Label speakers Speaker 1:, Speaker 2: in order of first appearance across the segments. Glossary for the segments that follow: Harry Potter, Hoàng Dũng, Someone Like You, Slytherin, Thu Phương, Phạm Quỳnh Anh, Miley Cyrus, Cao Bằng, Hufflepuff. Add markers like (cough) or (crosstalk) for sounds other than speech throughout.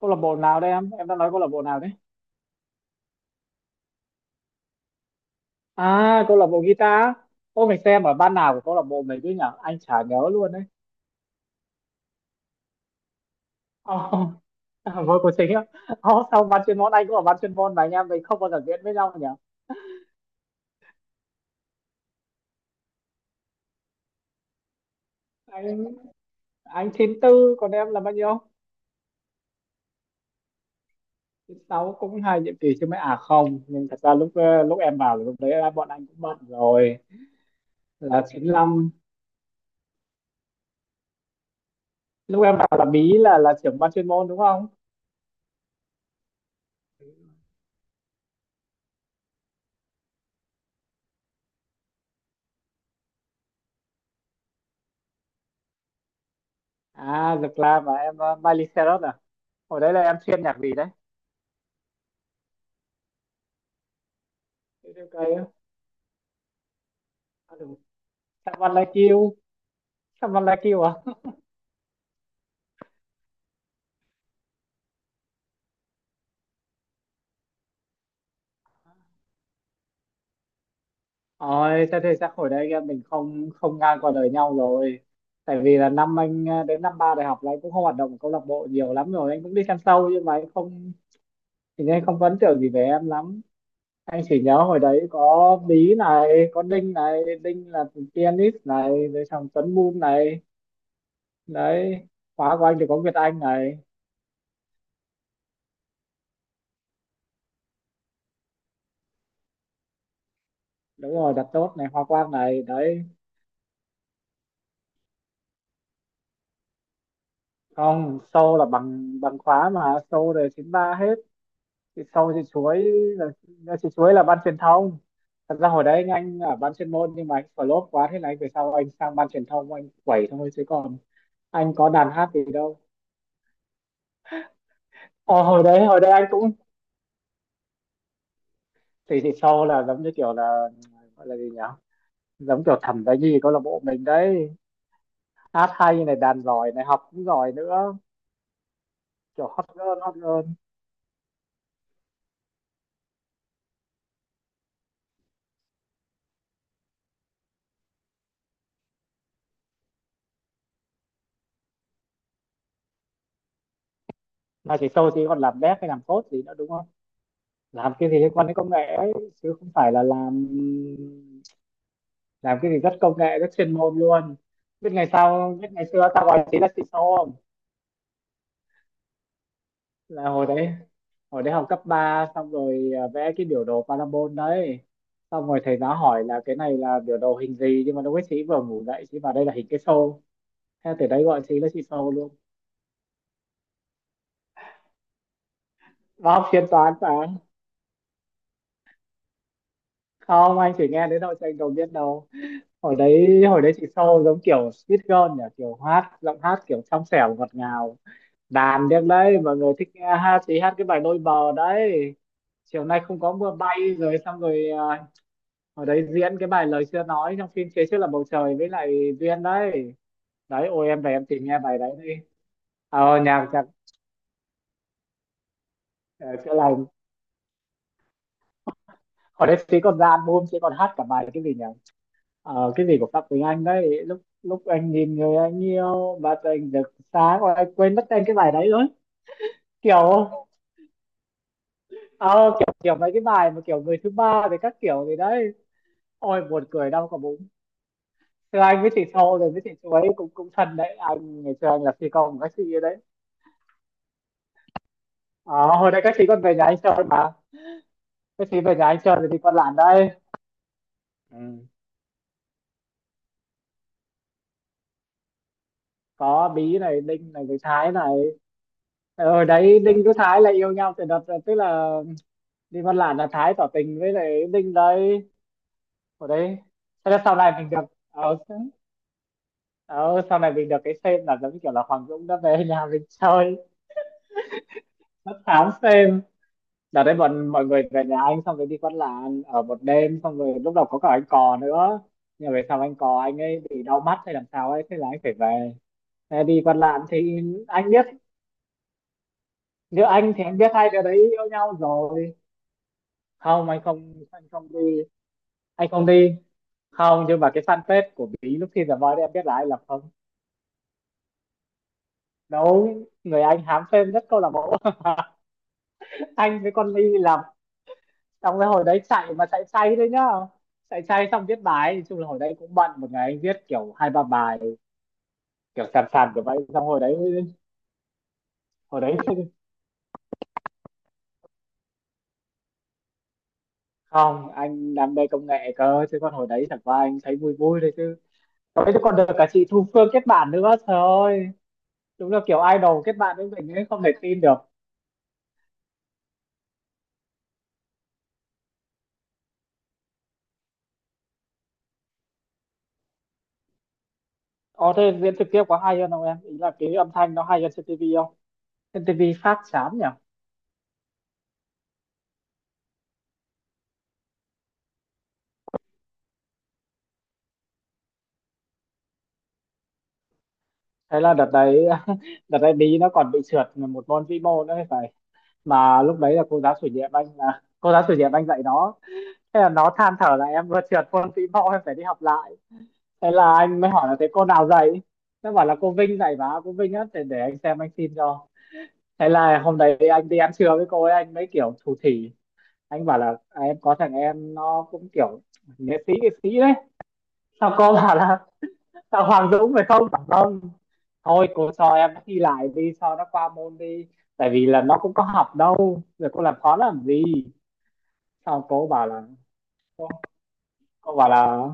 Speaker 1: Câu lạc bộ nào đây? Em đang nói câu lạc bộ nào đấy? À, câu lạc bộ guitar. Ô, mình xem ở ban nào của câu lạc bộ mình cứ nhở, anh chả nhớ luôn đấy. Oh, vô của chính á? Oh, sao ban chuyên môn? Anh cũng ở ban chuyên môn mà anh em mình không bao giờ diễn với nhau nhở. Anh anh chín tư, còn em là bao nhiêu? Chín sáu cũng hai nhiệm kỳ chứ mấy. À không, nhưng thật ra lúc lúc em vào là lúc đấy bọn anh cũng bận rồi. Là chín lăm lúc em vào là bí là trưởng ban chuyên môn đúng không? À, The Clam mà em, Miley Cyrus à? Hồi đấy là em chuyên nhạc gì đấy? Cái cây á. À, đúng. Someone Like You. Someone Like You à? Ôi, thế thì chắc hồi đấy em mình không không ngang qua đời nhau rồi. Tại vì là năm anh đến năm ba đại học là anh cũng không hoạt động ở câu lạc bộ nhiều lắm rồi, anh cũng đi xem show nhưng mà anh không, thì anh không có ấn tượng gì về em lắm. Anh chỉ nhớ hồi đấy có Bí này, có Đinh này, Đinh là pianist này, rồi xong Tuấn Moon này. Đấy, khóa của anh thì có Việt Anh này. Đúng rồi, Đặt Tốt này, Hoa Quang này đấy. Không, Sâu là bằng bằng khóa mà, Sâu rồi chín ba hết. Thì Sâu thì Chuối, là là chị Chuối là ban truyền thông. Thật ra hồi đấy anh ở ban chuyên môn nhưng mà anh flop quá, thế này về sau anh sang ban truyền thông anh quẩy thôi, chứ còn anh có đàn hát gì đâu. Ờ, hồi đấy anh cũng, thì Sâu là giống như kiểu là, gọi là gì nhỉ, giống kiểu thẩm đấy, gì câu lạc bộ mình đấy, hát hay này, đàn giỏi này, học cũng giỏi nữa. Kiểu hot girl, hot girl. Mà chỉ Tôi thì còn làm dev hay làm code gì nữa đúng không? Làm cái gì liên quan đến công nghệ ấy, chứ không phải là làm cái gì rất công nghệ, rất chuyên môn luôn. Biết ngày sau, biết ngày xưa tao gọi chị là CISO không? Là hồi đấy, hồi đấy học cấp 3 xong rồi, vẽ cái biểu đồ parabol đấy, xong rồi thầy giáo hỏi là cái này là biểu đồ hình gì, nhưng mà lúc ấy chị vừa ngủ dậy, chị vào đây là hình cái xô. Thế từ đấy gọi chị là chị Tô luôn. Và học chuyên toán mà không. Không, anh chỉ nghe đến đâu cho anh đầu biết đâu. Hồi đấy, hồi đấy chị Sâu giống kiểu Sweet Girl nhỉ, kiểu hát, giọng hát kiểu trong trẻo ngọt ngào, đàn điếc đấy. Mọi người thích nghe hát thì hát cái bài Đôi Bờ đấy, Chiều Nay Không Có Mưa Bay rồi xong rồi, hồi đấy diễn cái bài Lời Chưa Nói trong phim Phía Trước Là Bầu Trời với lại Duyên đấy. Đấy, ôi em về em tìm nghe bài đấy đi. Nhạc, nhạc, ờ, chữa lành. Hồi đấy chị còn ra album, chị còn hát cả bài cái gì nhỉ, cái gì của Phạm Quỳnh Anh đấy, lúc lúc anh nhìn người anh yêu và anh rực sáng. Ôi, anh quên mất tên cái bài đấy rồi. Kiểu, ờ, kiểu kiểu mấy cái bài mà kiểu người thứ ba với các kiểu gì đấy. Ôi buồn cười đau cả bụng. Thưa anh với chị Sâu rồi với chị Chú ấy cũng, cũng thân đấy, anh ngày xưa anh là phi công của các chị ấy đấy. Ờ, hồi đấy các chị còn về nhà anh chơi mà, các chị về nhà anh chơi rồi thì Con Lản đây. Ừ. Có Bí này, Đinh này với Thái này. Ờ, hồi đấy Đinh với Thái là yêu nhau từ đợt, tức là đi Con Lản là Thái tỏ tình với lại Đinh đấy, hồi đấy. Thế là sau này mình gặp, ờ, ờ, sau này mình được cái xem là giống như kiểu là Hoàng Dũng đã về nhà mình chơi, tám xem. Đợt đấy bọn mọi người về nhà anh xong rồi đi Quán Làng ở một đêm, xong rồi lúc đầu có cả anh Cò nữa, nhưng mà về sau anh Cò anh ấy bị đau mắt hay làm sao ấy, thế là anh phải về. Thế đi Quán Làng thì anh biết, nếu anh thì anh biết hai đứa đấy yêu nhau rồi. Không anh không, anh không đi, anh không đi. Không, nhưng mà cái fanpage của Bí lúc khi giờ voi đấy em biết là ai là không? Đúng người, anh hám phim rất câu lạc bộ. (laughs) Anh với con Ly làm, xong rồi hồi đấy chạy mà chạy say đấy nhá. Chạy say xong viết bài, nói chung là hồi đấy cũng bận, một ngày anh viết kiểu hai ba bài, kiểu sàn sàn kiểu vậy. Xong hồi đấy, hồi đấy, (laughs) không, anh đam mê công nghệ cơ, chứ còn hồi đấy chẳng qua anh thấy vui vui thôi chứ. Hồi đấy còn được cả chị Thu Phương kết bạn nữa, trời ơi, đúng là kiểu idol kết bạn với mình ấy, không thể tin được. Ồ thế diễn trực tiếp có hay hơn không em? Ý là cái âm thanh nó hay hơn trên TV không? Trên TV phát chán nhỉ? Thế là đợt đấy, (laughs) đợt đấy Bí nó còn bị trượt một môn vĩ mô nữa thì phải. Mà lúc đấy là cô giáo chủ nhiệm anh, là cô giáo chủ nhiệm anh dạy nó. Thế là nó than thở là em vừa trượt môn vĩ mẫu, em phải đi học lại. Thế là anh mới hỏi là thế cô nào dạy, nó bảo là cô Vinh dạy. Và cô Vinh á, để anh xem anh xin cho. Thế là hôm đấy anh đi ăn trưa với cô ấy, anh mới kiểu thủ thỉ, anh bảo là, em có thằng em nó cũng kiểu nghệ sĩ, nghệ sĩ đấy. Sao cô bảo là, sao Hoàng Dũng phải không, bảo không, thôi cô cho em thi lại đi cho nó qua môn đi, tại vì là nó cũng có học đâu, rồi cô làm khó làm gì. Sau cô bảo là, cô, cô bảo là,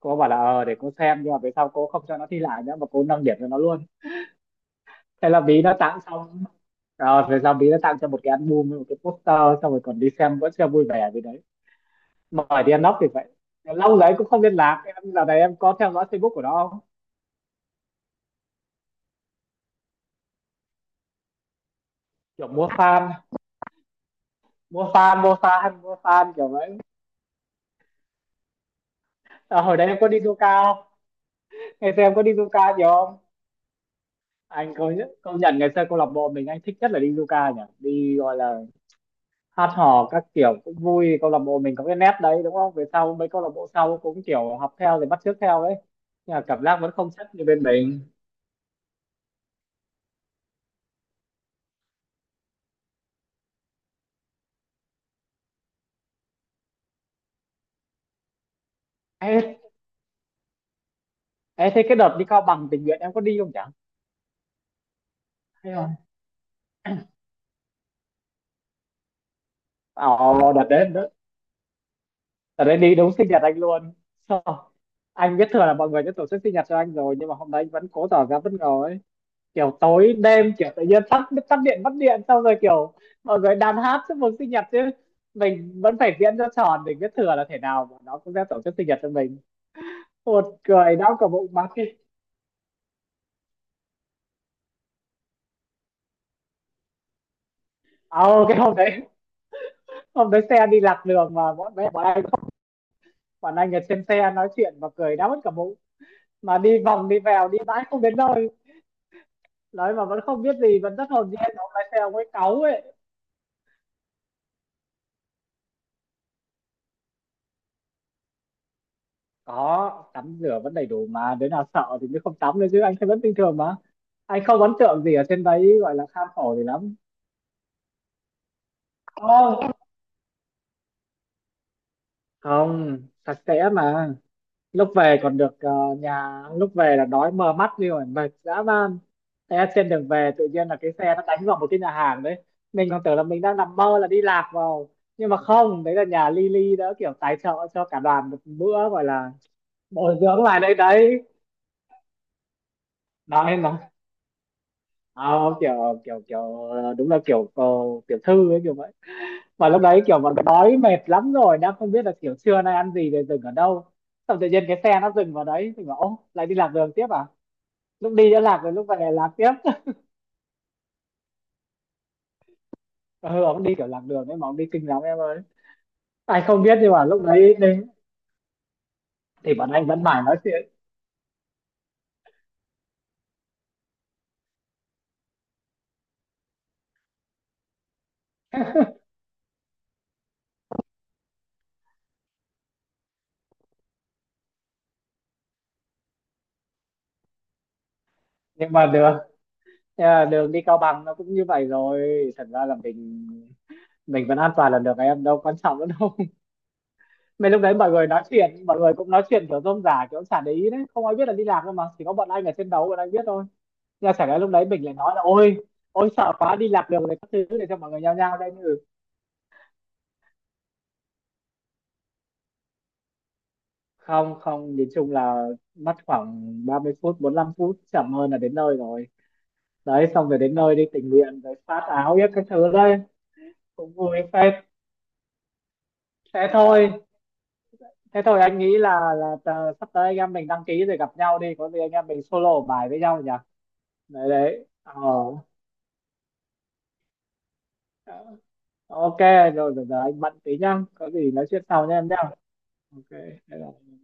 Speaker 1: cô bảo là ờ để cô xem. Nhưng mà về sau cô không cho nó thi lại nữa mà cô nâng điểm cho nó luôn. Thế là Bí nó tặng xong, rồi về sau Bí nó tặng cho một cái album với một cái poster, xong rồi còn đi xem, vẫn chưa vui vẻ gì đấy, mời đi ăn nóc thì vậy. Lâu đấy cũng không liên lạc, em giờ này em có theo dõi Facebook của nó không? Kiểu mua fan, mua fan kiểu vậy. À, hồi đấy em có đi du cao, ngày xưa em có đi du cao nhiều không? Anh công nhận, công nhận ngày xưa câu lạc bộ mình anh thích nhất là đi du ca nhỉ, đi gọi là hát hò các kiểu cũng vui, câu lạc bộ mình có cái nét đấy đúng không, về sau mấy câu lạc bộ sau cũng kiểu học theo rồi bắt chước theo đấy, nhưng mà cảm giác vẫn không chất như bên mình. ê, Ê thế cái đợt đi Cao Bằng tình nguyện em có đi không, chẳng hay không? Ồ đợt đấy, đợt đợt đấy đi đúng sinh nhật anh luôn. Sao? Anh biết thừa là mọi người đã tổ chức sinh nhật cho anh rồi, nhưng mà hôm đấy anh vẫn cố tỏ ra bất ngờ ấy. Kiểu tối đêm kiểu tự nhiên tắt, tắt điện mất điện xong rồi kiểu mọi người đàn hát chúc mừng sinh nhật chứ. Mình vẫn phải diễn cho tròn, để biết thừa là thể nào mà nó cũng sẽ tổ chức sinh nhật cho mình. Một cười đau cả bụng mặt đi. Ồ, cái hôm đấy, hôm đấy xe đi lạc đường mà bọn mẹ bọn anh, bọn anh ở trên xe nói chuyện và cười đau mất cả bụng, mà đi vòng đi vèo đi mãi không đến nơi, nói mà vẫn không biết gì, vẫn rất hồn nhiên, ông lái xe ông ấy cáu ấy. Có tắm rửa vẫn đầy đủ mà, đứa nào sợ thì mới không tắm nữa, chứ anh thấy vẫn bình thường mà. Anh không ấn tượng gì ở trên đấy gọi là kham khổ gì lắm. Không, không, sạch sẽ mà. Lúc về còn được, ờ, nhà, lúc về là đói mờ mắt đi rồi, mệt dã man. Thế trên đường về tự nhiên là cái xe nó đánh vào một cái nhà hàng đấy. Mình còn tưởng là mình đang nằm mơ là đi lạc vào, nhưng mà không, đấy là nhà Lily đã kiểu tài trợ cho cả đoàn một bữa gọi là bồi dưỡng lại đây đấy. Nói không, kiểu kiểu kiểu ờ, đúng là kiểu, ờ, tiểu thư ấy kiểu vậy. Mà lúc đấy kiểu bọn đói mệt lắm rồi, đang không biết là kiểu trưa nay ăn gì rồi dừng ở đâu, xong tự nhiên cái xe nó dừng vào đấy thì bảo ô lại đi lạc đường tiếp à. Lúc đi đã lạc rồi, lúc về lạc tiếp. (laughs) Ừ, ông đi kiểu lạc đường ấy mà, ông đi kinh lắm em ơi. Ai không biết, nhưng mà lúc đấy đi thì bọn anh vẫn mải nói chuyện. nhưng mà đường nhưng mà đường đi Cao Bằng nó cũng như vậy rồi. Thật ra là Mình vẫn an toàn là được em, đâu quan trọng nữa đâu. Mấy lúc đấy mọi người nói chuyện, mọi người cũng nói chuyện kiểu rôm rả, kiểu chả để ý đấy, không ai biết là đi lạc đâu mà, chỉ có bọn anh ở trên đấu bọn anh biết thôi. Nhưng mà chẳng lẽ lúc đấy mình lại nói là ôi, ôi sợ quá, đi lạc đường này các thứ để cho mọi người nhao nhao đây như, không không, nhìn chung là mất khoảng 30 phút 45 phút chậm hơn là đến nơi rồi. Đấy, xong rồi đến nơi đi tình nguyện rồi phát áo biết các thứ đấy, cũng vui phết. Thế thôi, thế thôi, anh nghĩ là sắp tới anh em mình đăng ký rồi gặp nhau đi, có gì anh em mình solo bài với nhau nhỉ. Đấy đấy, ờ, ok. Rồi giờ anh bận tí nhá, có gì nói chuyện sau nha em nhá. Ok, bye bye.